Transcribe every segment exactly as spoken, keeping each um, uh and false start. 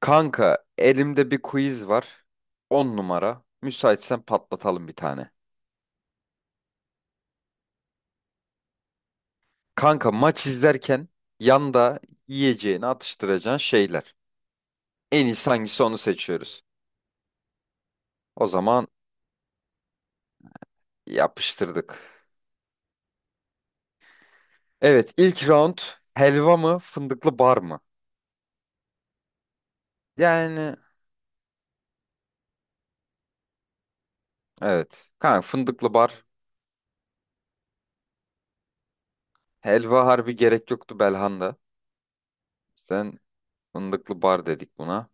Kanka elimde bir quiz var. On numara. Müsaitsen patlatalım bir tane. Kanka maç izlerken yanda yiyeceğini atıştıracağın şeyler. En iyisi hangisi onu seçiyoruz. O zaman yapıştırdık. Evet, ilk round, helva mı fındıklı bar mı? Yani evet. Kanka fındıklı bar. Helva harbi gerek yoktu Belhanda. Sen fındıklı bar dedik buna.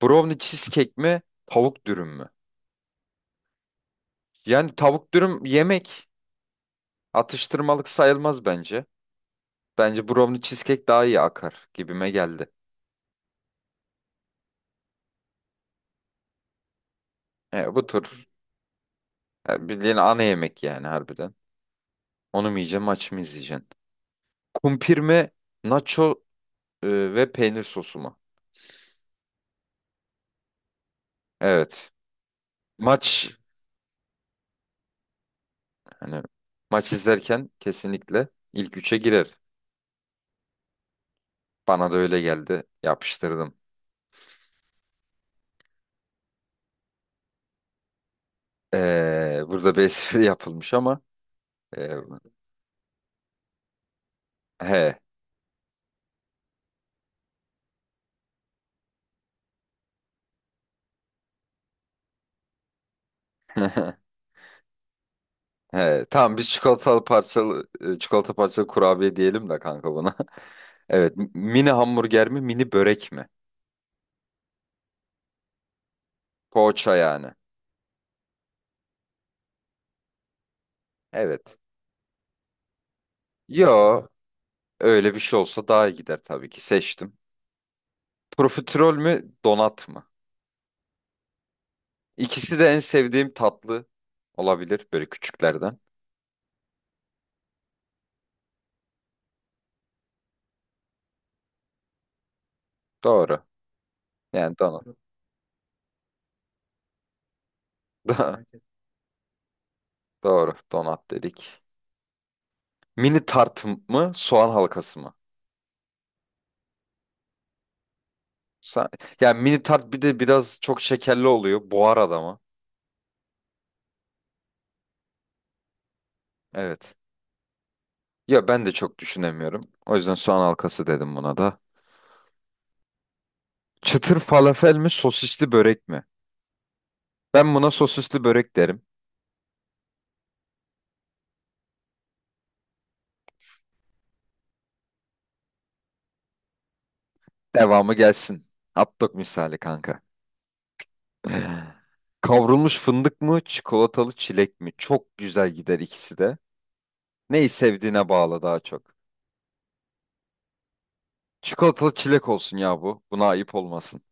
Brownie cheesecake mi tavuk dürüm mü? Yani tavuk dürüm yemek. Atıştırmalık sayılmaz bence. Bence brownie cheesecake daha iyi akar gibime geldi. E, bu tür e, bildiğin ana yemek yani harbiden. Onu mu yiyeceğim, maç mı izleyeceksin? Kumpir mi, nacho e, ve peynir sosu mu? Evet. Maç, hani, maç izlerken kesinlikle ilk üçe girer. Bana da öyle geldi. Yapıştırdım. Ee, burada bir espri yapılmış ama e, he he tamam, biz çikolatalı parçalı e, çikolata parçalı kurabiye diyelim de kanka buna. Evet. m- Mini hamburger mi? Mini börek mi? Poğaça yani. Evet. Yo. Öyle bir şey olsa daha iyi gider tabii ki. Seçtim. Profiterol mü? Donat mı? İkisi de en sevdiğim tatlı olabilir. Böyle küçüklerden. Doğru. Yani donat. Doğru. Donat dedik. Mini tart mı? Soğan halkası mı? Sa- Yani mini tart bir de biraz çok şekerli oluyor. Boğar adamı. Evet. Ya ben de çok düşünemiyorum. O yüzden soğan halkası dedim buna da. Çıtır falafel mi sosisli börek mi? Ben buna sosisli börek derim. Devamı gelsin. Hot dog misali kanka. Kavrulmuş fındık mı, çikolatalı çilek mi? Çok güzel gider ikisi de. Neyi sevdiğine bağlı daha çok. Çikolatalı çilek olsun ya bu. Buna ayıp olmasın.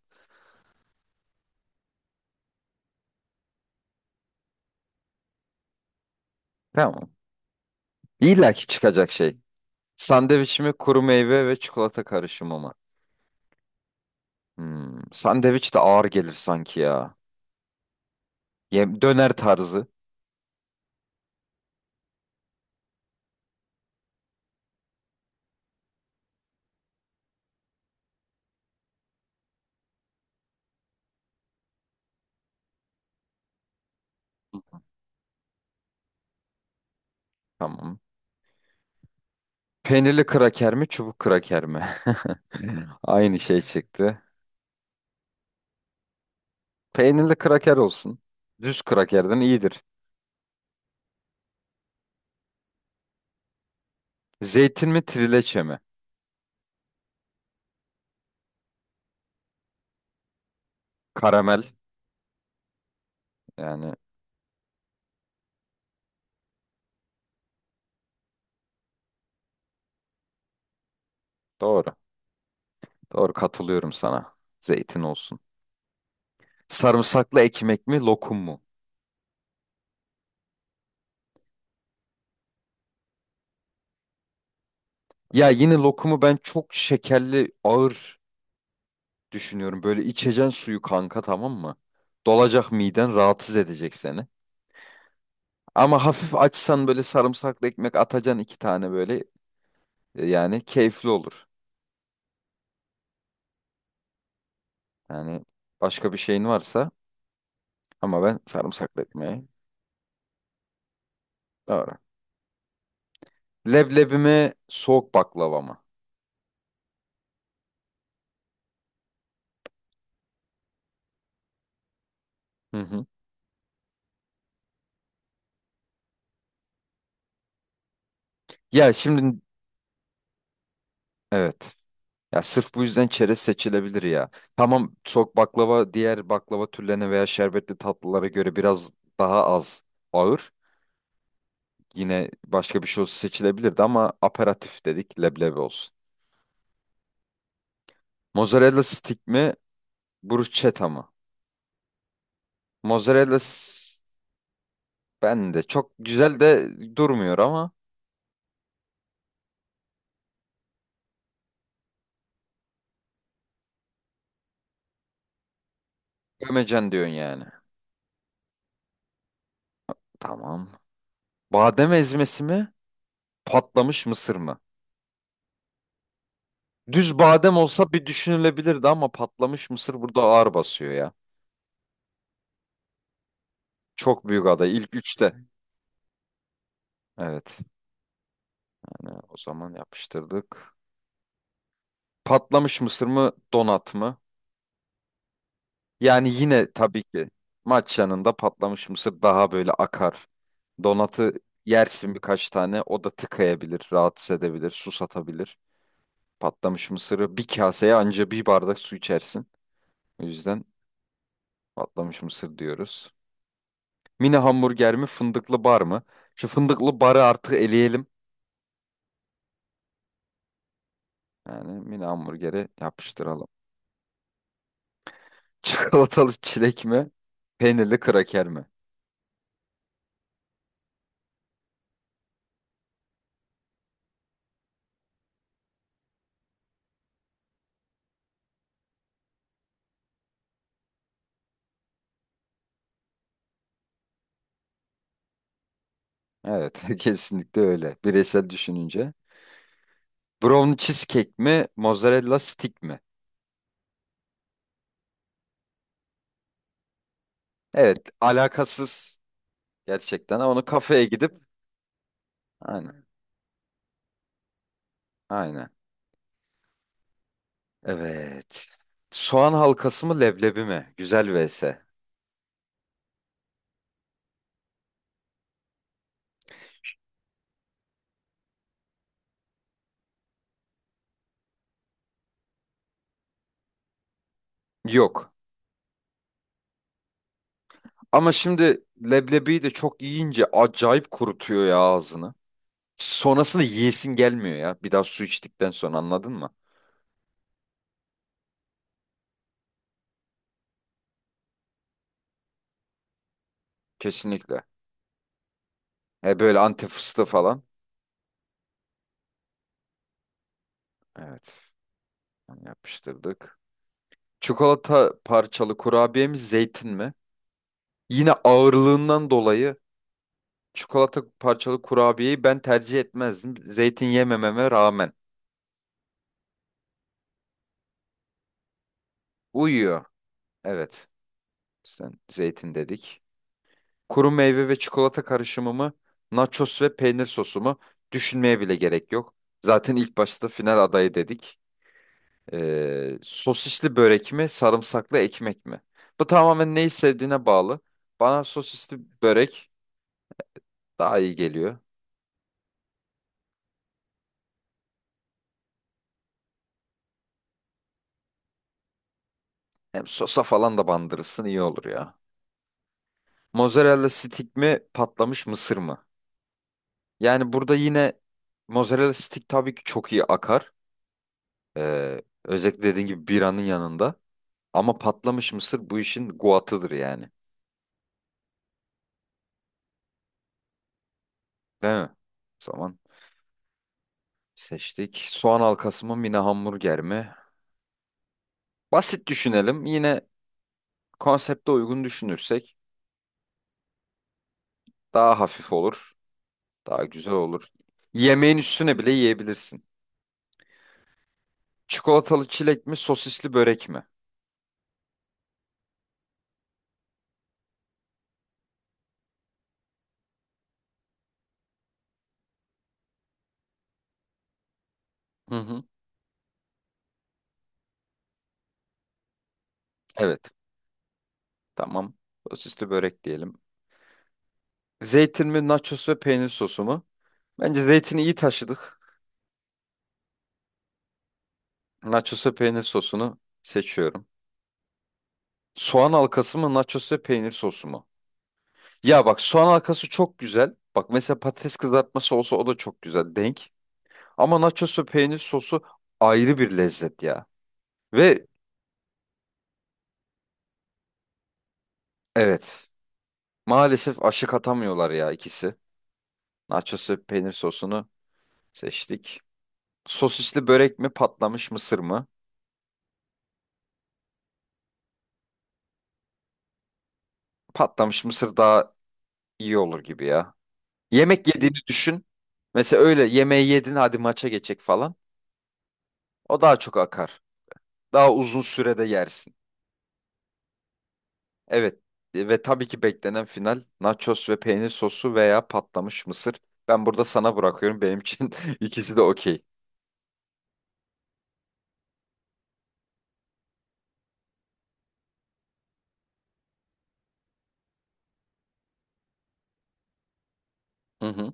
Tamam. İlla ki çıkacak şey. Sandviç mi, kuru meyve ve çikolata karışımı mı? Hmm, sandviç de ağır gelir sanki ya. Yem döner tarzı. Tamam. Peynirli kraker mi, çubuk kraker mi? Aynı şey çıktı. Peynirli kraker olsun. Düz krakerden iyidir. Zeytin mi, trileçe mi? Karamel. Yani doğru. Doğru, katılıyorum sana. Zeytin olsun. Sarımsaklı ekmek mi, lokum mu? Ya yine lokumu ben çok şekerli, ağır düşünüyorum. Böyle içeceksin suyu kanka, tamam mı? Dolacak miden, rahatsız edecek seni. Ama hafif açsan böyle sarımsaklı ekmek atacaksın iki tane böyle. e, Yani keyifli olur. Yani başka bir şeyin varsa ama ben sarımsaklı ekmeği. Doğru. Leblebi mi soğuk baklava mı? Hı hı. Ya şimdi evet. Ya sırf bu yüzden çerez seçilebilir ya. Tamam, soğuk baklava diğer baklava türlerine veya şerbetli tatlılara göre biraz daha az ağır. Yine başka bir şey olsa seçilebilirdi ama aperatif dedik, leblebi olsun. Mozzarella stick mi bruschetta mı? Mozzarella s- Ben de çok güzel de durmuyor ama gömecen diyorsun yani. Tamam. Badem ezmesi mi? Patlamış mısır mı? Düz badem olsa bir düşünülebilirdi ama patlamış mısır burada ağır basıyor ya. Çok büyük aday. İlk üçte. Evet. Hani o zaman yapıştırdık. Patlamış mısır mı? Donat mı? Yani yine tabii ki maç yanında patlamış mısır daha böyle akar. Donatı yersin birkaç tane. O da tıkayabilir, rahatsız edebilir, susatabilir. Patlamış mısırı bir kaseye, anca bir bardak su içersin. O yüzden patlamış mısır diyoruz. Mini hamburger mi fındıklı bar mı? Şu fındıklı barı artık eleyelim. Yani mini hamburgeri yapıştıralım. Çikolatalı çilek mi? Peynirli kraker mi? Evet, kesinlikle öyle. Bireysel düşününce. Brownie cheesecake mi? Mozzarella stick mi? Evet, alakasız gerçekten ama onu kafeye gidip aynen, aynen. Evet. Soğan halkası mı leblebi mi? Güzel vesaire. Yok. Ama şimdi leblebiyi de çok yiyince acayip kurutuyor ya ağzını. Sonrasında yiyesin gelmiyor ya. Bir daha su içtikten sonra, anladın mı? Kesinlikle. E böyle anti fıstığı falan. Evet. Onu yapıştırdık. Çikolata parçalı kurabiye mi zeytin mi? Yine ağırlığından dolayı çikolata parçalı kurabiyeyi ben tercih etmezdim. Zeytin yemememe rağmen. Uyuyor. Evet. Sen zeytin dedik. Kuru meyve ve çikolata karışımımı, nachos ve peynir sosumu düşünmeye bile gerek yok. Zaten ilk başta final adayı dedik. Ee, sosisli börek mi, sarımsaklı ekmek mi? Bu tamamen neyi sevdiğine bağlı. Bana sosisli börek daha iyi geliyor. Hem sosa falan da bandırırsın, iyi olur ya. Mozzarella stick mi, patlamış mısır mı? Yani burada yine mozzarella stick tabii ki çok iyi akar. Ee, özellikle dediğin gibi biranın yanında. Ama patlamış mısır bu işin guatıdır yani. Değil mi? O zaman seçtik. Soğan halkası mı mini hamburger mi? Basit düşünelim. Yine konsepte uygun düşünürsek daha hafif olur. Daha güzel olur. Yemeğin üstüne bile yiyebilirsin. Çikolatalı çilek mi sosisli börek mi? Hı hı. Evet. Tamam. Sosisli börek diyelim. Zeytin mi nachos ve peynir sosu mu? Bence zeytini iyi taşıdık. Nachos ve peynir sosunu seçiyorum. Soğan halkası mı nachos ve peynir sosu mu? Ya bak, soğan halkası çok güzel. Bak mesela patates kızartması olsa o da çok güzel denk. Ama nachosu peynir sosu ayrı bir lezzet ya. Ve evet, maalesef aşık atamıyorlar ya ikisi. Nachosu peynir sosunu seçtik. Sosisli börek mi patlamış mısır mı? Patlamış mısır daha iyi olur gibi ya. Yemek yediğini düşün. Mesela öyle yemeği yedin, hadi maça geçecek falan. O daha çok akar. Daha uzun sürede yersin. Evet, e, ve tabii ki beklenen final, nachos ve peynir sosu veya patlamış mısır. Ben burada sana bırakıyorum. Benim için ikisi de okey. Hı hı,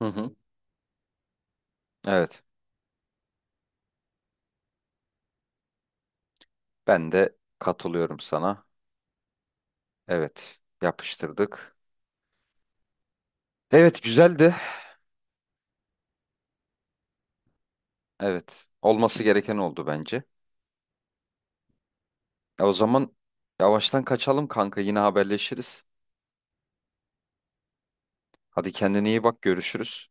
hı hı. Evet, ben de katılıyorum sana. Evet, yapıştırdık. Evet, güzeldi. Evet, olması gereken oldu bence. E, o zaman yavaştan kaçalım kanka, yine haberleşiriz. Hadi kendine iyi bak, görüşürüz.